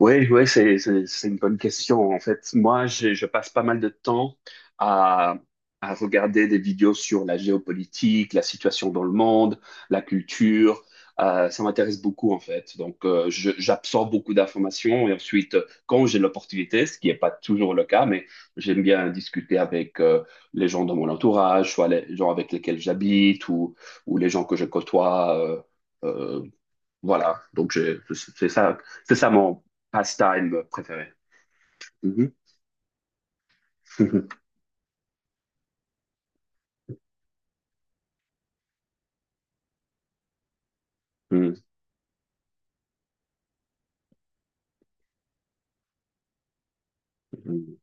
Oui, ouais, c'est une bonne question. En fait, moi, je passe pas mal de temps à, à regarder des vidéos sur la géopolitique, la situation dans le monde, la culture. Ça m'intéresse beaucoup, en fait. Donc, j'absorbe beaucoup d'informations et ensuite, quand j'ai l'opportunité, ce qui n'est pas toujours le cas, mais j'aime bien discuter avec les gens de mon entourage, soit les gens avec lesquels j'habite ou les gens que je côtoie. Euh, voilà, donc c'est ça mon pastime préféré. Mhm. Mhm. Mhm.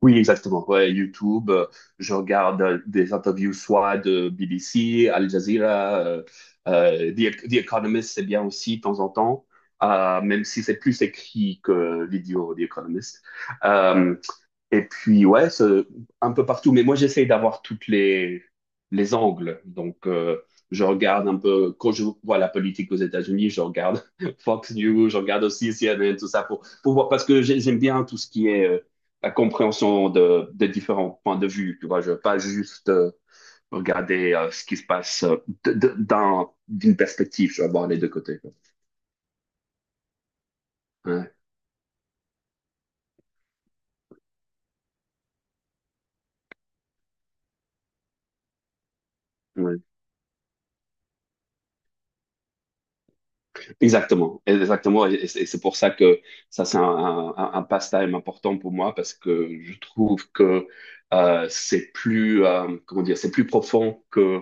Oui, exactement. Ouais, YouTube, je regarde des interviews soit de BBC, Al Jazeera, The Economist, c'est bien aussi de temps en temps, même si c'est plus écrit que vidéo, The Economist. Euh, Et puis, ouais, un peu partout. Mais moi, j'essaye d'avoir toutes les angles. Donc, je regarde un peu, quand je vois la politique aux États-Unis, je regarde Fox News, je regarde aussi CNN, tout ça, pour voir, parce que j'aime bien tout ce qui est la compréhension de différents points de vue. Tu vois, je veux pas juste regarder ce qui se passe dans, d'une perspective. Je veux avoir les deux côtés, quoi. Ouais. Ouais. Exactement, exactement, et c'est c'est pour ça que ça c'est un pastime important pour moi parce que je trouve que c'est plus comment dire, c'est plus profond que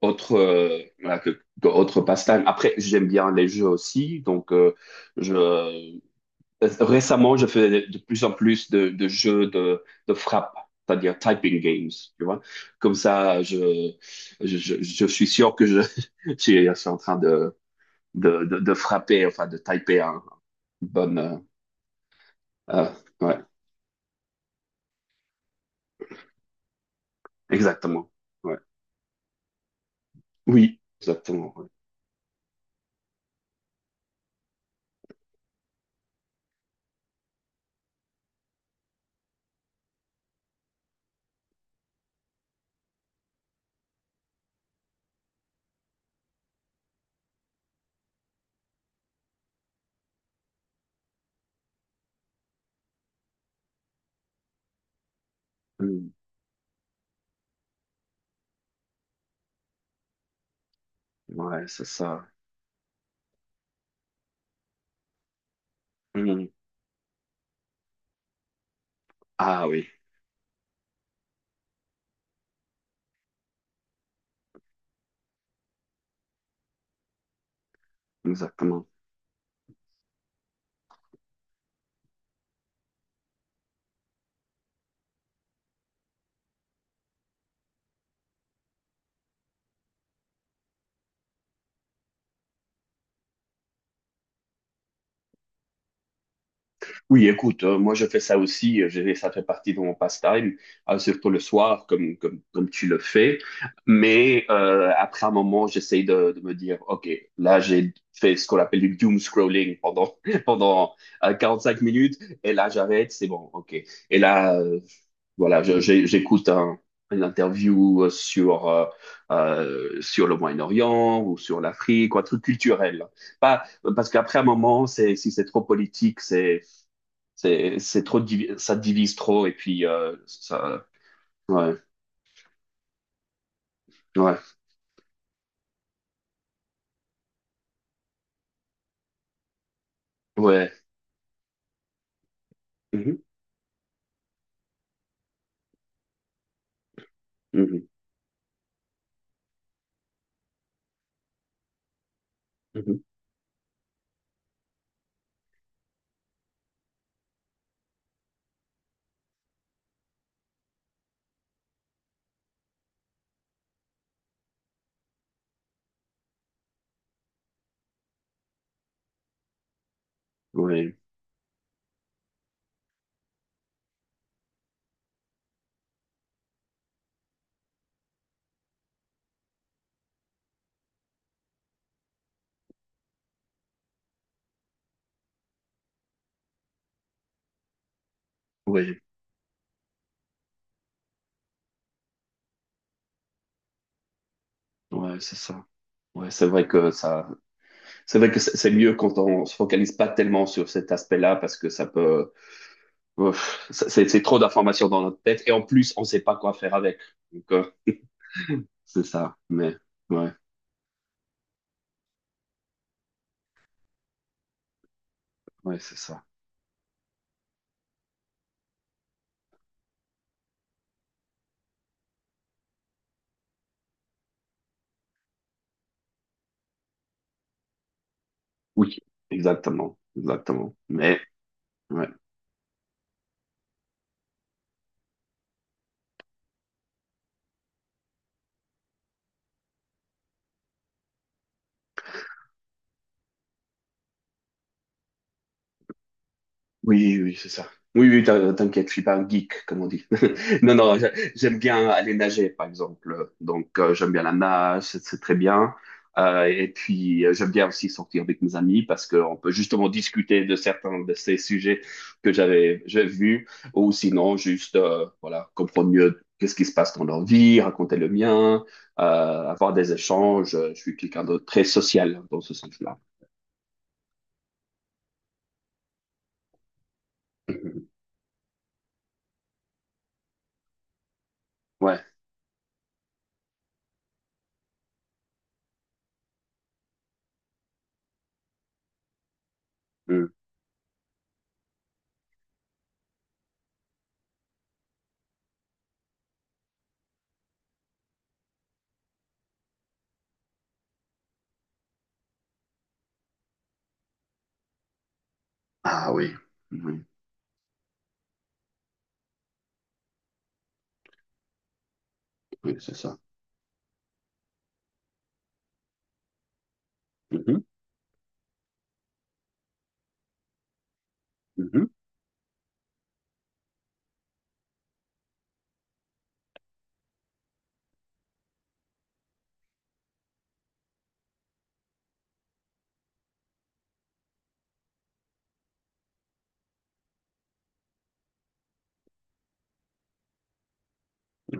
autre voilà, que autre pastime. Après, j'aime bien les jeux aussi, donc je récemment je fais de plus en plus de jeux de frappe, c'est-à-dire typing games, tu vois. Comme ça, je suis sûr que je je suis en train de de frapper, enfin de taper un bon. Euh, ouais, exactement. Ouais. Oui, exactement. Ouais. Mm. Ouais, c'est ça. Mm. Ah oui, exactement. Oui, écoute, moi je fais ça aussi. Ça fait partie de mon pastime, surtout le soir, comme tu le fais. Mais après un moment, j'essaye de me dire, OK, là j'ai fait ce qu'on appelle du doom scrolling pendant, pendant cinq minutes, et là j'arrête, c'est bon, OK. Et là, euh, Voilà, j'écoute un, une interview sur le Moyen-Orient ou sur l'Afrique, ou un truc culturel. Pas, Parce qu'après un moment, c'est, si c'est trop politique, c'est trop, ça divise trop, et puis, ça, ouais, ouais, ouais. Mhm, mhm, mhm. Oui, oui, ouais, c'est ça. Ouais, c'est vrai que ça, c'est vrai que c'est mieux quand on se focalise pas tellement sur cet aspect-là parce que ça peut, ouf, ça- c'est trop d'informations dans notre tête et en plus, on sait pas quoi faire avec. Donc, c'est ça. Mais ouais, ouais, c'est ça. Oui, exactement, exactement. Mais ouais. Oui, oui, c'est ça. Oui, oui, t'inquiète, je suis pas un geek, comme on dit. Non, non, j'aime bien aller nager, par exemple. Donc, j'aime bien la nage, c'est très bien. Et puis, j'aime bien aussi sortir avec mes amis parce qu'on peut justement discuter de certains de ces sujets que j'avais j'ai vus, ou sinon juste, voilà, comprendre mieux qu'est-ce qui se passe dans leur vie, raconter le mien, euh, avoir des échanges. Je suis quelqu'un de très social dans ce sens-là. Ouais. Mm. Ah oui, oui, oui, c'est ça. Mhm. Mhm.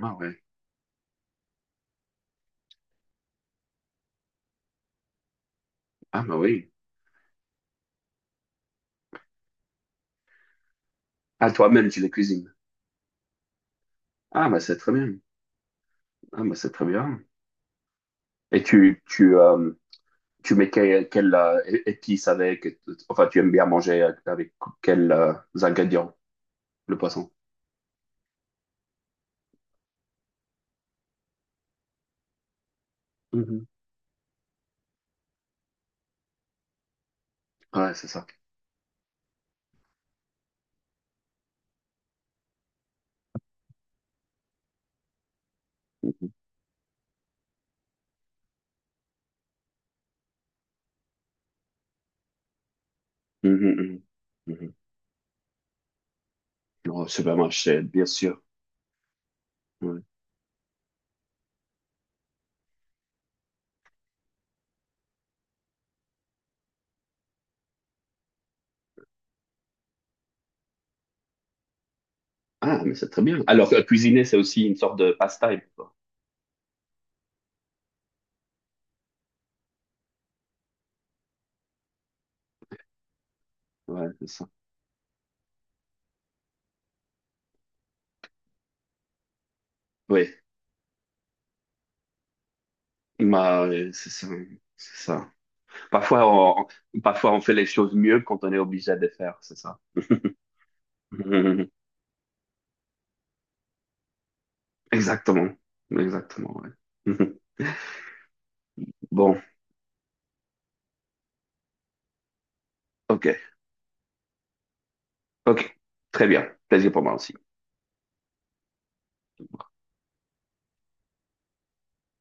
Ah ouais. Ah bah oui. Ah toi-même tu les cuisines. Ah bah c'est très bien. Ah bah c'est très bien. Et tu mets quel épice avec enfin tu aimes bien manger avec quels ingrédients le poisson. Mhm. Ouais c'est ça. Mhm. Mhm, mhm. Mhm. Au supermarché bien sûr. Ouais. Ah mais c'est très bien. Alors cuisiner c'est aussi une sorte de pastime, quoi. Ouais c'est ça. Oui. Bah ouais, c'est ça. C'est ça. Parfois, parfois, on fait les choses mieux quand on est obligé de les faire, c'est ça. Exactement. Exactement, ouais. Bon, ok. Ok. Très bien. Plaisir pour moi aussi.